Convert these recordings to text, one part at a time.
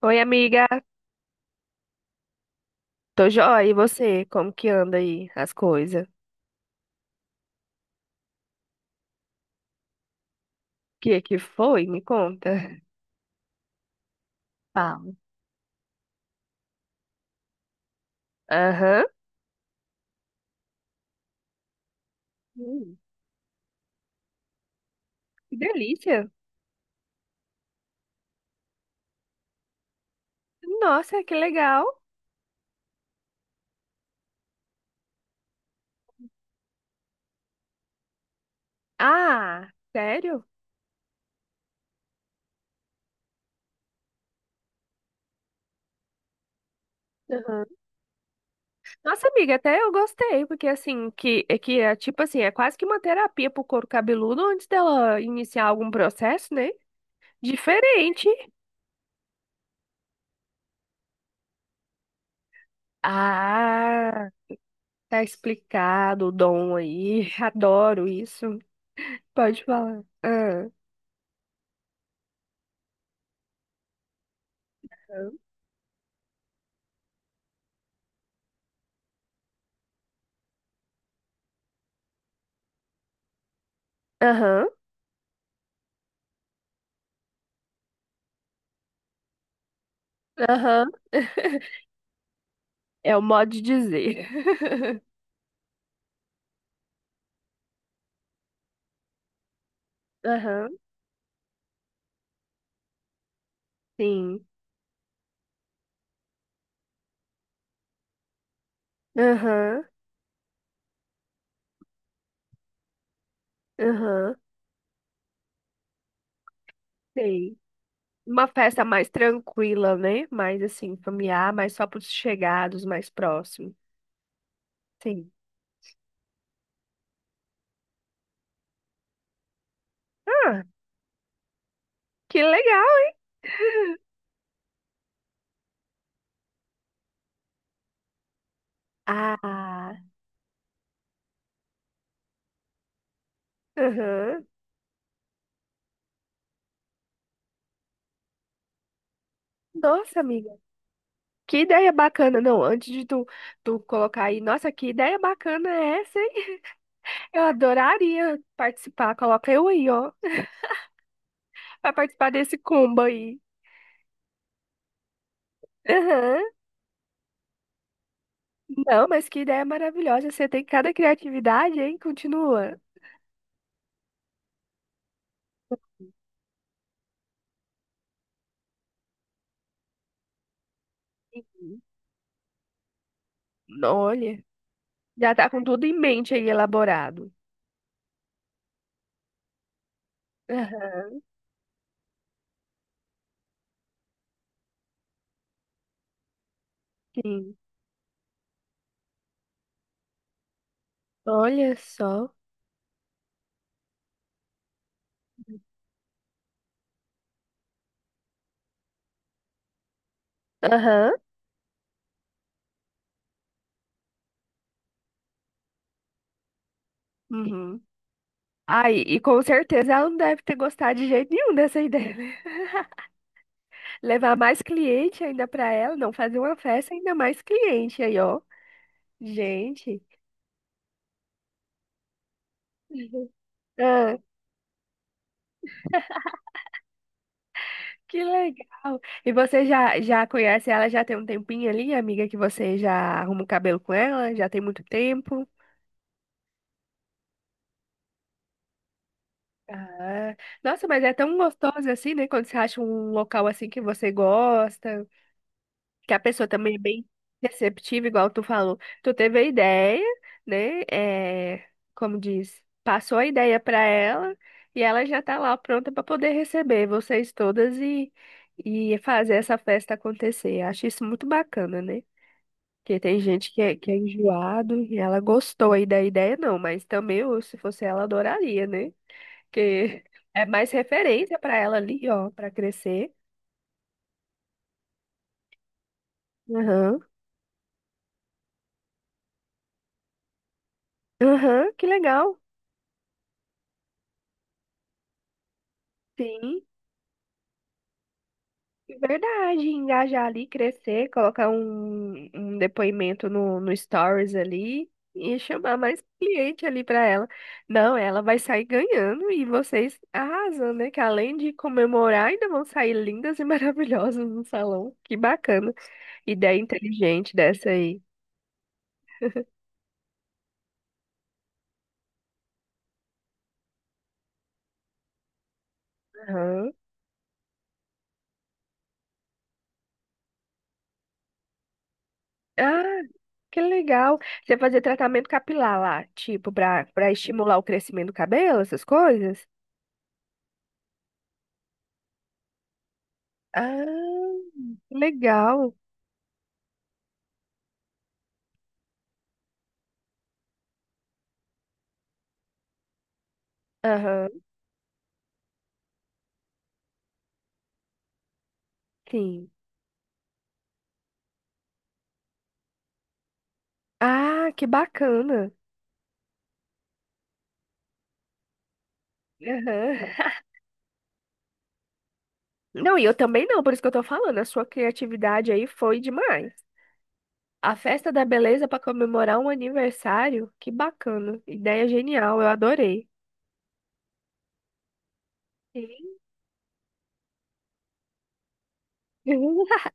Oi, amiga. Tô joia. E você? Como que anda aí as coisas? O que que foi? Me conta. Falo. Aham. Hum, que delícia. Nossa, que legal. Ah, sério? Aham. Nossa, amiga, até eu gostei, porque assim, é que é tipo assim, é quase que uma terapia pro couro cabeludo antes dela iniciar algum processo, né? Diferente. Ah, tá explicado o dom aí. Adoro isso. Pode falar. Ah. Aham, aham. É o modo de dizer. Aham, sim. Aham, aham, sei. Uma festa mais tranquila, né? Mais assim, familiar, mais só para os chegados, mais próximos. Sim. Ah, que legal. Ah, aham. Nossa, amiga. Que ideia bacana. Não, antes de tu colocar aí, nossa, que ideia bacana é essa, hein? Eu adoraria participar. Coloca eu aí, ó, para participar desse combo aí. Aham. Não, mas que ideia maravilhosa. Você tem cada criatividade, hein? Continua. Uhum. Olha, já tá com tudo em mente aí elaborado. Aham, Sim. Olha só. Aham. Uhum. Aí, e com certeza ela não deve ter gostado de jeito nenhum dessa ideia, né? Levar mais cliente ainda pra ela, não fazer uma festa ainda mais cliente aí, ó. Gente. Uhum. Que legal! E você já conhece ela já tem um tempinho ali, amiga, que você já arruma o cabelo com ela? Já tem muito tempo? Ah, nossa, mas é tão gostoso assim, né? Quando você acha um local assim que você gosta, que a pessoa também é bem receptiva, igual tu falou. Tu teve a ideia, né? É, como diz, passou a ideia pra ela e ela já tá lá pronta pra poder receber vocês todas e fazer essa festa acontecer. Acho isso muito bacana, né? Porque tem gente que é enjoado e ela gostou aí da ideia, não, mas também eu, se fosse ela, adoraria, né? Porque é mais referência pra ela ali, ó, pra crescer. Aham, aham, que legal. Sim, é verdade. Engajar ali, crescer, colocar um depoimento no Stories ali e chamar mais cliente ali pra ela. Não, ela vai sair ganhando e vocês arrasando, né? Que além de comemorar, ainda vão sair lindas e maravilhosas no salão. Que bacana. Ideia inteligente dessa aí. Aham. Ah, que legal. Você fazia tratamento capilar lá, tipo, pra estimular o crescimento do cabelo, essas coisas? Ah, que legal. Aham, sim. Ah, que bacana. Aham. Não, e eu também não, por isso que eu tô falando. A sua criatividade aí foi demais. A festa da beleza pra comemorar um aniversário, que bacana. Ideia genial, eu adorei. Sim.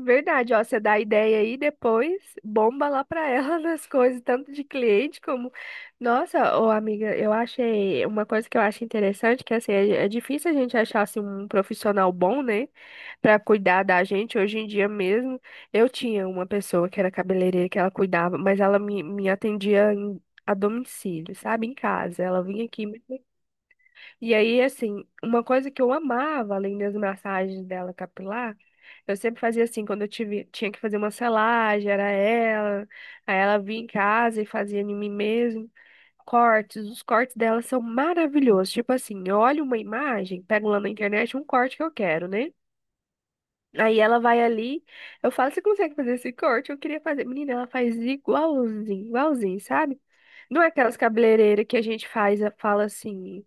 Verdade, ó, você dá a ideia aí, depois bomba lá pra ela nas coisas, tanto de cliente como. Nossa, ô amiga, eu achei uma coisa que eu acho interessante, que assim, é, é difícil a gente achar assim, um profissional bom, né, pra cuidar da gente hoje em dia mesmo. Eu tinha uma pessoa que era cabeleireira que ela cuidava, mas ela me atendia a domicílio, sabe, em casa. Ela vinha aqui e aí, assim, uma coisa que eu amava, além das massagens dela capilar, eu sempre fazia assim, quando eu tive, tinha que fazer uma selagem, era ela, aí ela vinha em casa e fazia em mim mesmo. Cortes, os cortes dela são maravilhosos. Tipo assim, eu olho uma imagem, pego lá na internet um corte que eu quero, né? Aí ela vai ali, eu falo, você consegue fazer esse corte? Eu queria fazer. Menina, ela faz igualzinho, igualzinho, sabe? Não é aquelas cabeleireiras que a gente faz, fala assim.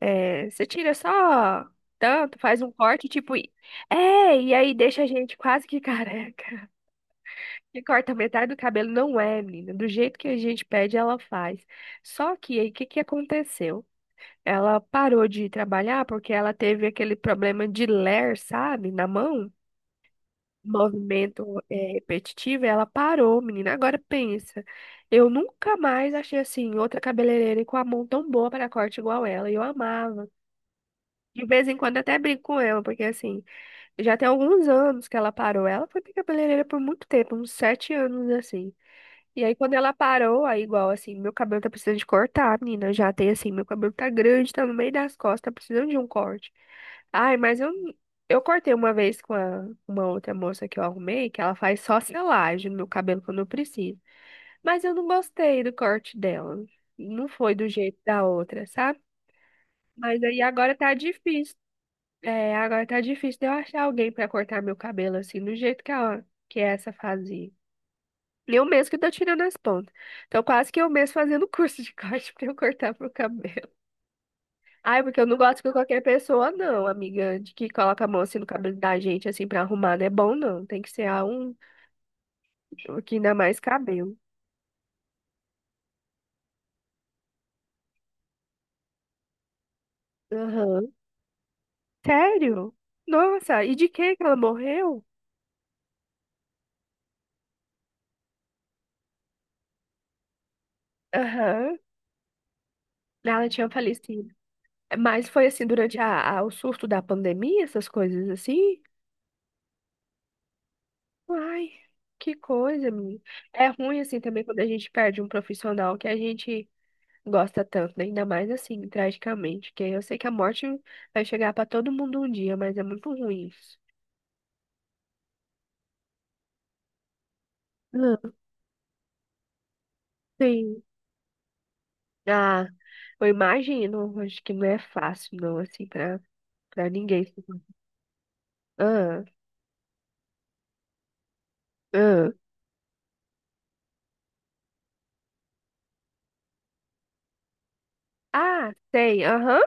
É, você tira só tanto, faz um corte, tipo. É, e aí deixa a gente quase que careca. E corta metade do cabelo, não é, menina. Do jeito que a gente pede, ela faz. Só que aí, o que que aconteceu? Ela parou de trabalhar porque ela teve aquele problema de ler, sabe, na mão. Movimento é, repetitivo, e ela parou, menina. Agora pensa, eu nunca mais achei assim outra cabeleireira com a mão tão boa para corte igual ela. E eu amava. De vez em quando eu até brinco com ela, porque assim, já tem alguns anos que ela parou. Ela foi minha cabeleireira por muito tempo, uns 7 anos assim. E aí quando ela parou, aí igual assim, meu cabelo tá precisando de cortar, menina. Já tem assim, meu cabelo tá grande, tá no meio das costas, tá precisando de um corte. Ai, mas eu cortei uma vez com uma outra moça que eu arrumei, que ela faz só selagem no meu cabelo quando eu preciso. Mas eu não gostei do corte dela. Não foi do jeito da outra, sabe? Mas aí agora tá difícil. É, agora tá difícil de eu achar alguém pra cortar meu cabelo assim, do jeito que essa fazia. Eu mesmo que tô tirando as pontas. Então, quase que eu mesmo fazendo curso de corte pra eu cortar meu cabelo. Ai, porque eu não gosto com qualquer pessoa, não, amiga, de que coloca a mão assim no cabelo da gente, assim, pra arrumar, não é bom, não. Tem que ser a um que ainda mais cabelo. Aham. Sério? Nossa, e de que ela morreu? Aham. Ela tinha falecido. Mas foi assim, durante o surto da pandemia, essas coisas assim? Ai, que coisa, menina. É ruim assim também quando a gente perde um profissional que a gente gosta tanto, né? Ainda mais assim, tragicamente, que eu sei que a morte vai chegar pra todo mundo um dia, mas é muito ruim isso. Não. Sim. Ah, eu imagino, acho que não é fácil não assim pra para ninguém. Ah, ah. Ah, sei, aham,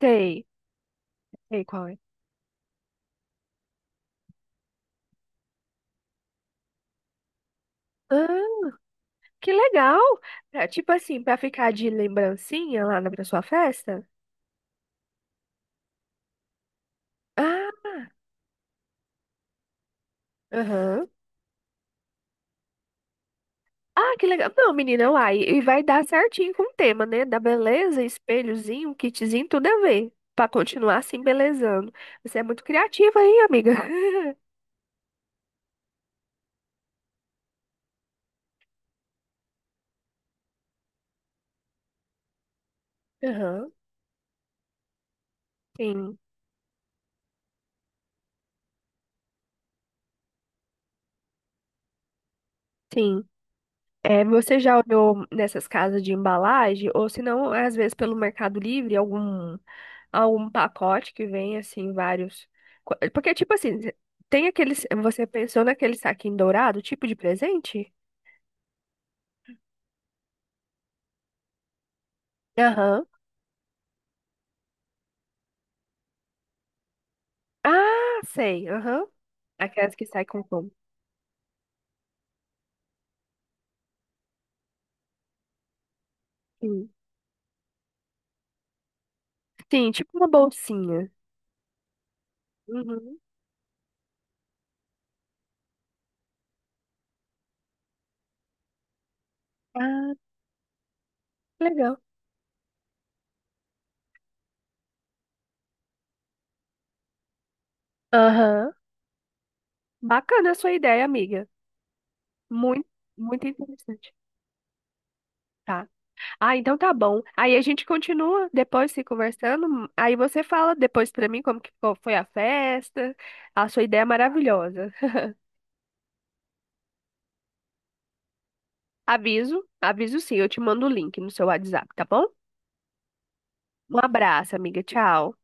sei. Sei qual é. Ah, que legal. Pra- tipo assim, pra ficar de lembrancinha lá na pra sua festa? Ah. Aham. Ah, que legal. Não, menina, uai. E vai dar certinho com o tema, né? Da beleza, espelhozinho, um kitzinho, tudo a ver. Pra continuar assim, belezando. Você é muito criativa aí, amiga. Aham. Sim, sim. É, você já olhou nessas casas de embalagem? Ou se não, às vezes pelo Mercado Livre, algum, algum pacote que vem, assim, vários. Porque, tipo assim, tem aqueles. Você pensou naquele saquinho dourado, tipo de presente? Aham. Ah, sei. Aham. Aquelas que saem com pão. Sim. Sim, tipo uma bolsinha. Uhum. Ah, que legal. Aham. Bacana a sua ideia, amiga. Muito, muito interessante. Tá. Ah, então tá bom. Aí a gente continua depois se conversando. Aí você fala depois pra mim como que foi a festa. A sua ideia é maravilhosa. Aviso, aviso sim, eu te mando o link no seu WhatsApp, tá bom? Um abraço, amiga. Tchau.